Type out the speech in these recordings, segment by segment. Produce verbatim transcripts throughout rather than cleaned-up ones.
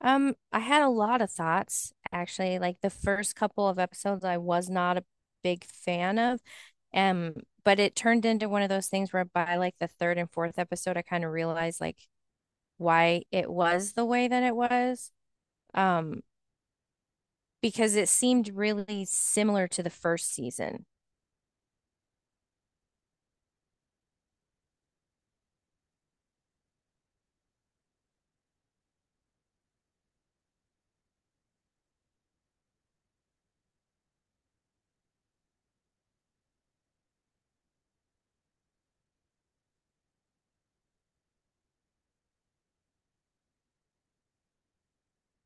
Um, I had a lot of thoughts actually. Like the first couple of episodes, I was not a big fan of. Um, but it turned into one of those things where, by like the third and fourth episode, I kind of realized like why it was the way that it was. Um, because it seemed really similar to the first season.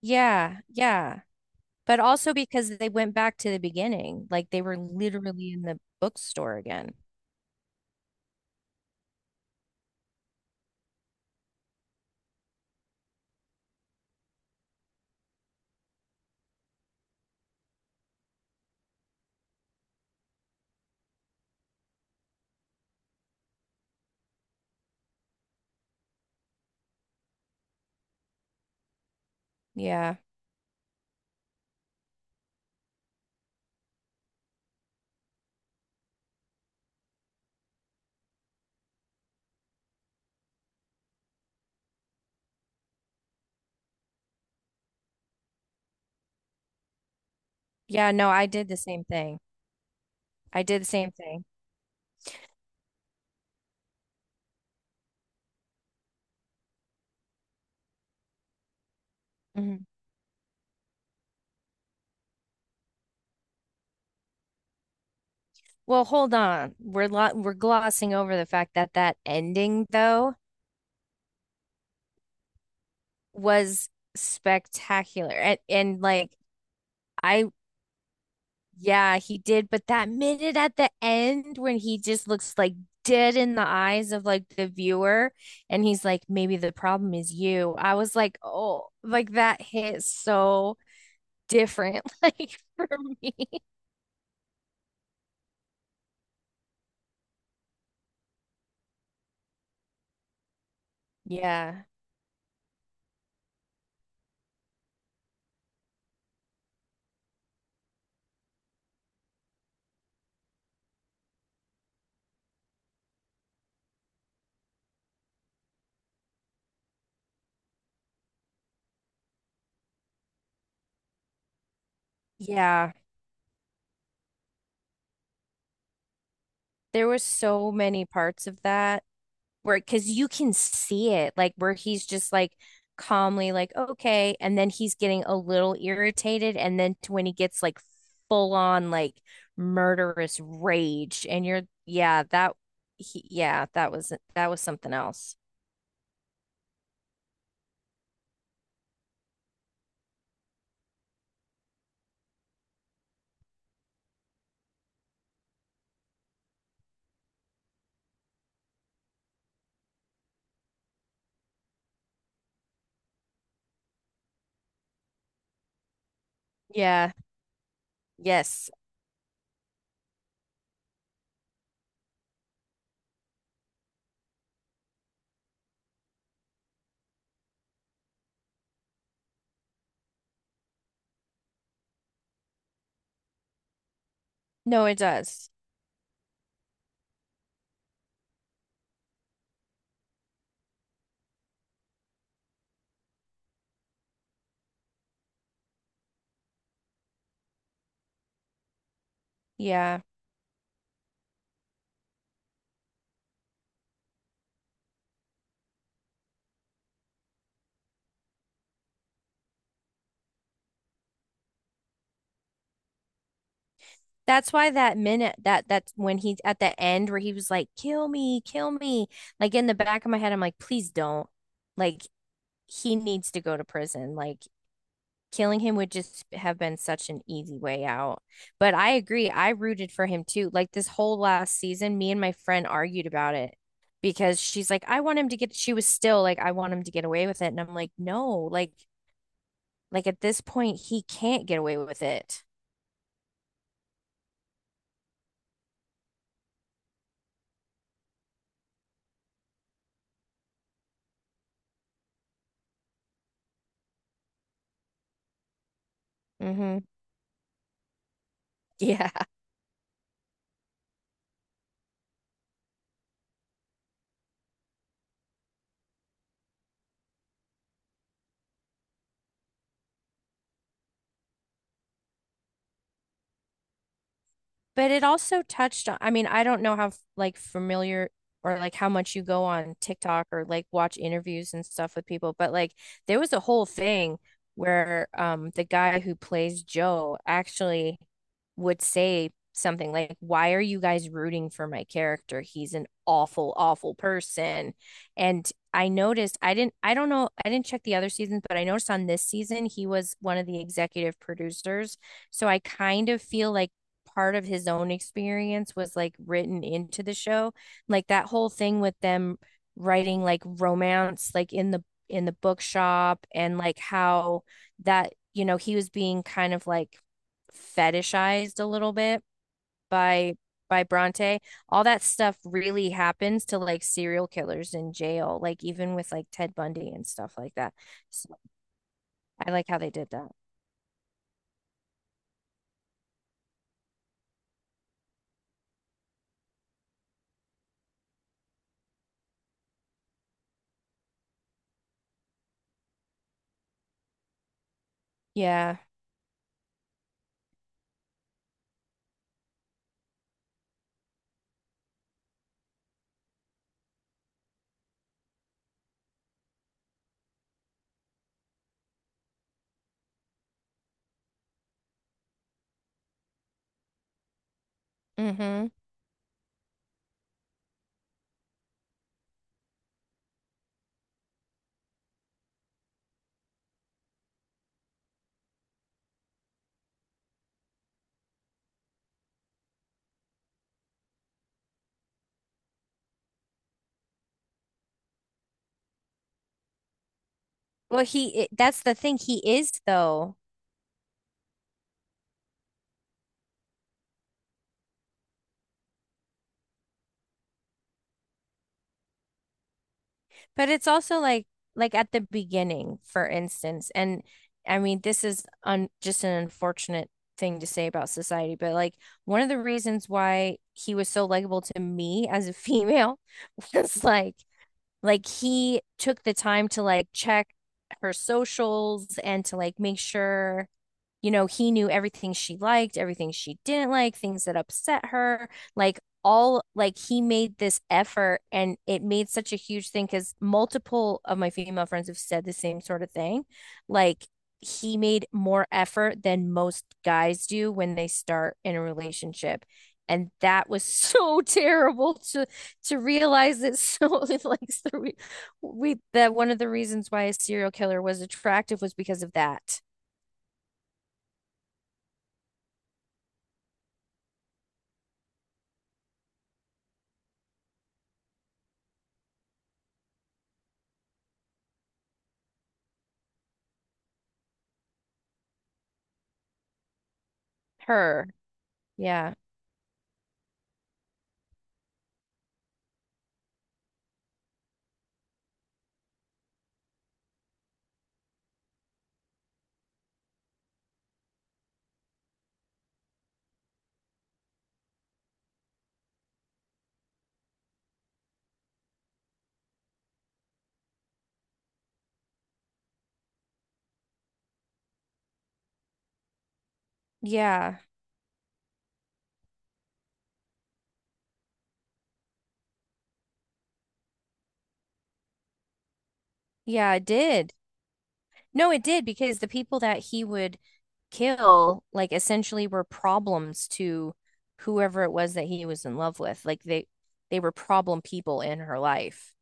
Yeah, yeah. But also because they went back to the beginning, like they were literally in the bookstore again. Yeah. Yeah, no, I did the same thing. I did the same thing. Mhm. Well, hold on. We're lo we're glossing over the fact that that ending though was spectacular. And and like I yeah, he did, but that minute at the end when he just looks like dead in the eyes of like the viewer, and he's like, maybe the problem is you. I was like, "Oh, like that hit so different like for me." Yeah. Yeah. There were so many parts of that where, because you can see it, like where he's just like calmly like okay, and then he's getting a little irritated, and then to when he gets like full on like murderous rage, and you're yeah that he, yeah that was, that was something else. Yeah. Yes. No, it does. Yeah, that's why that minute, that that's when he at the end where he was like, kill me, kill me, like in the back of my head I'm like, please don't, like he needs to go to prison, like killing him would just have been such an easy way out. But I agree. I rooted for him too. Like this whole last season, me and my friend argued about it because she's like, I want him to get, she was still like, I want him to get away with it. And I'm like, no, like, like at this point, he can't get away with it. Mm-hmm. Yeah. But it also touched on, I mean, I don't know how like familiar or like how much you go on TikTok or like watch interviews and stuff with people, but like there was a whole thing where um the guy who plays Joe actually would say something like, "Why are you guys rooting for my character? He's an awful, awful person." And I noticed, I didn't, I don't know, I didn't check the other seasons, but I noticed on this season he was one of the executive producers. So I kind of feel like part of his own experience was like written into the show. Like that whole thing with them writing like romance like in the in the bookshop and like how that, you know, he was being kind of like fetishized a little bit by by Bronte. All that stuff really happens to like serial killers in jail, like even with like Ted Bundy and stuff like that. So I like how they did that. Yeah. Mm-hmm. Well, he it, that's the thing. He is though. But it's also like like at the beginning, for instance, and I mean this is un just an unfortunate thing to say about society, but like one of the reasons why he was so likable to me as a female was like like he took the time to like check her socials and to like make sure, you know, he knew everything she liked, everything she didn't like, things that upset her, like all like he made this effort, and it made such a huge thing because multiple of my female friends have said the same sort of thing. Like he made more effort than most guys do when they start in a relationship, and that was so terrible to to realize that so like so we, we that one of the reasons why a serial killer was attractive was because of that. Her. Yeah. Yeah. Yeah, it did. No, it did, because the people that he would kill, like, essentially were problems to whoever it was that he was in love with. Like they they were problem people in her life.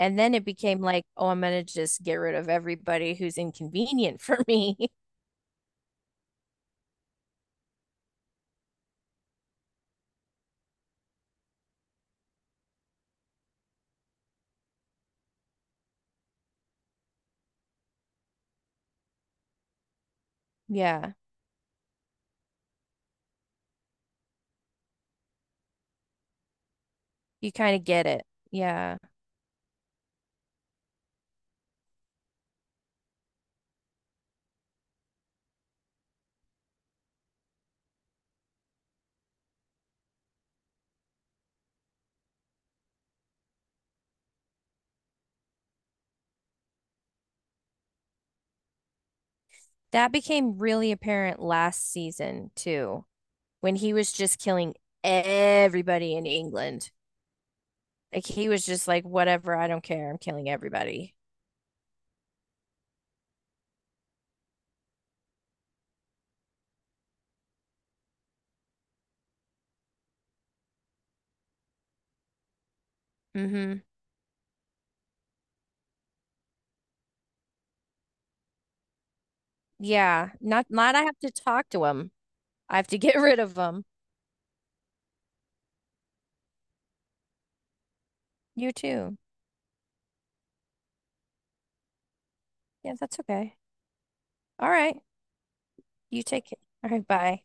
And then it became like, oh, I'm gonna just get rid of everybody who's inconvenient for me. Yeah. You kind of get it. Yeah. That became really apparent last season too, when he was just killing everybody in England. Like he was just like, whatever, I don't care. I'm killing everybody. Hmm. Yeah. Not not I have to talk to him. I have to get rid of him. You too. Yeah, that's okay. All right. You take it. All right, bye.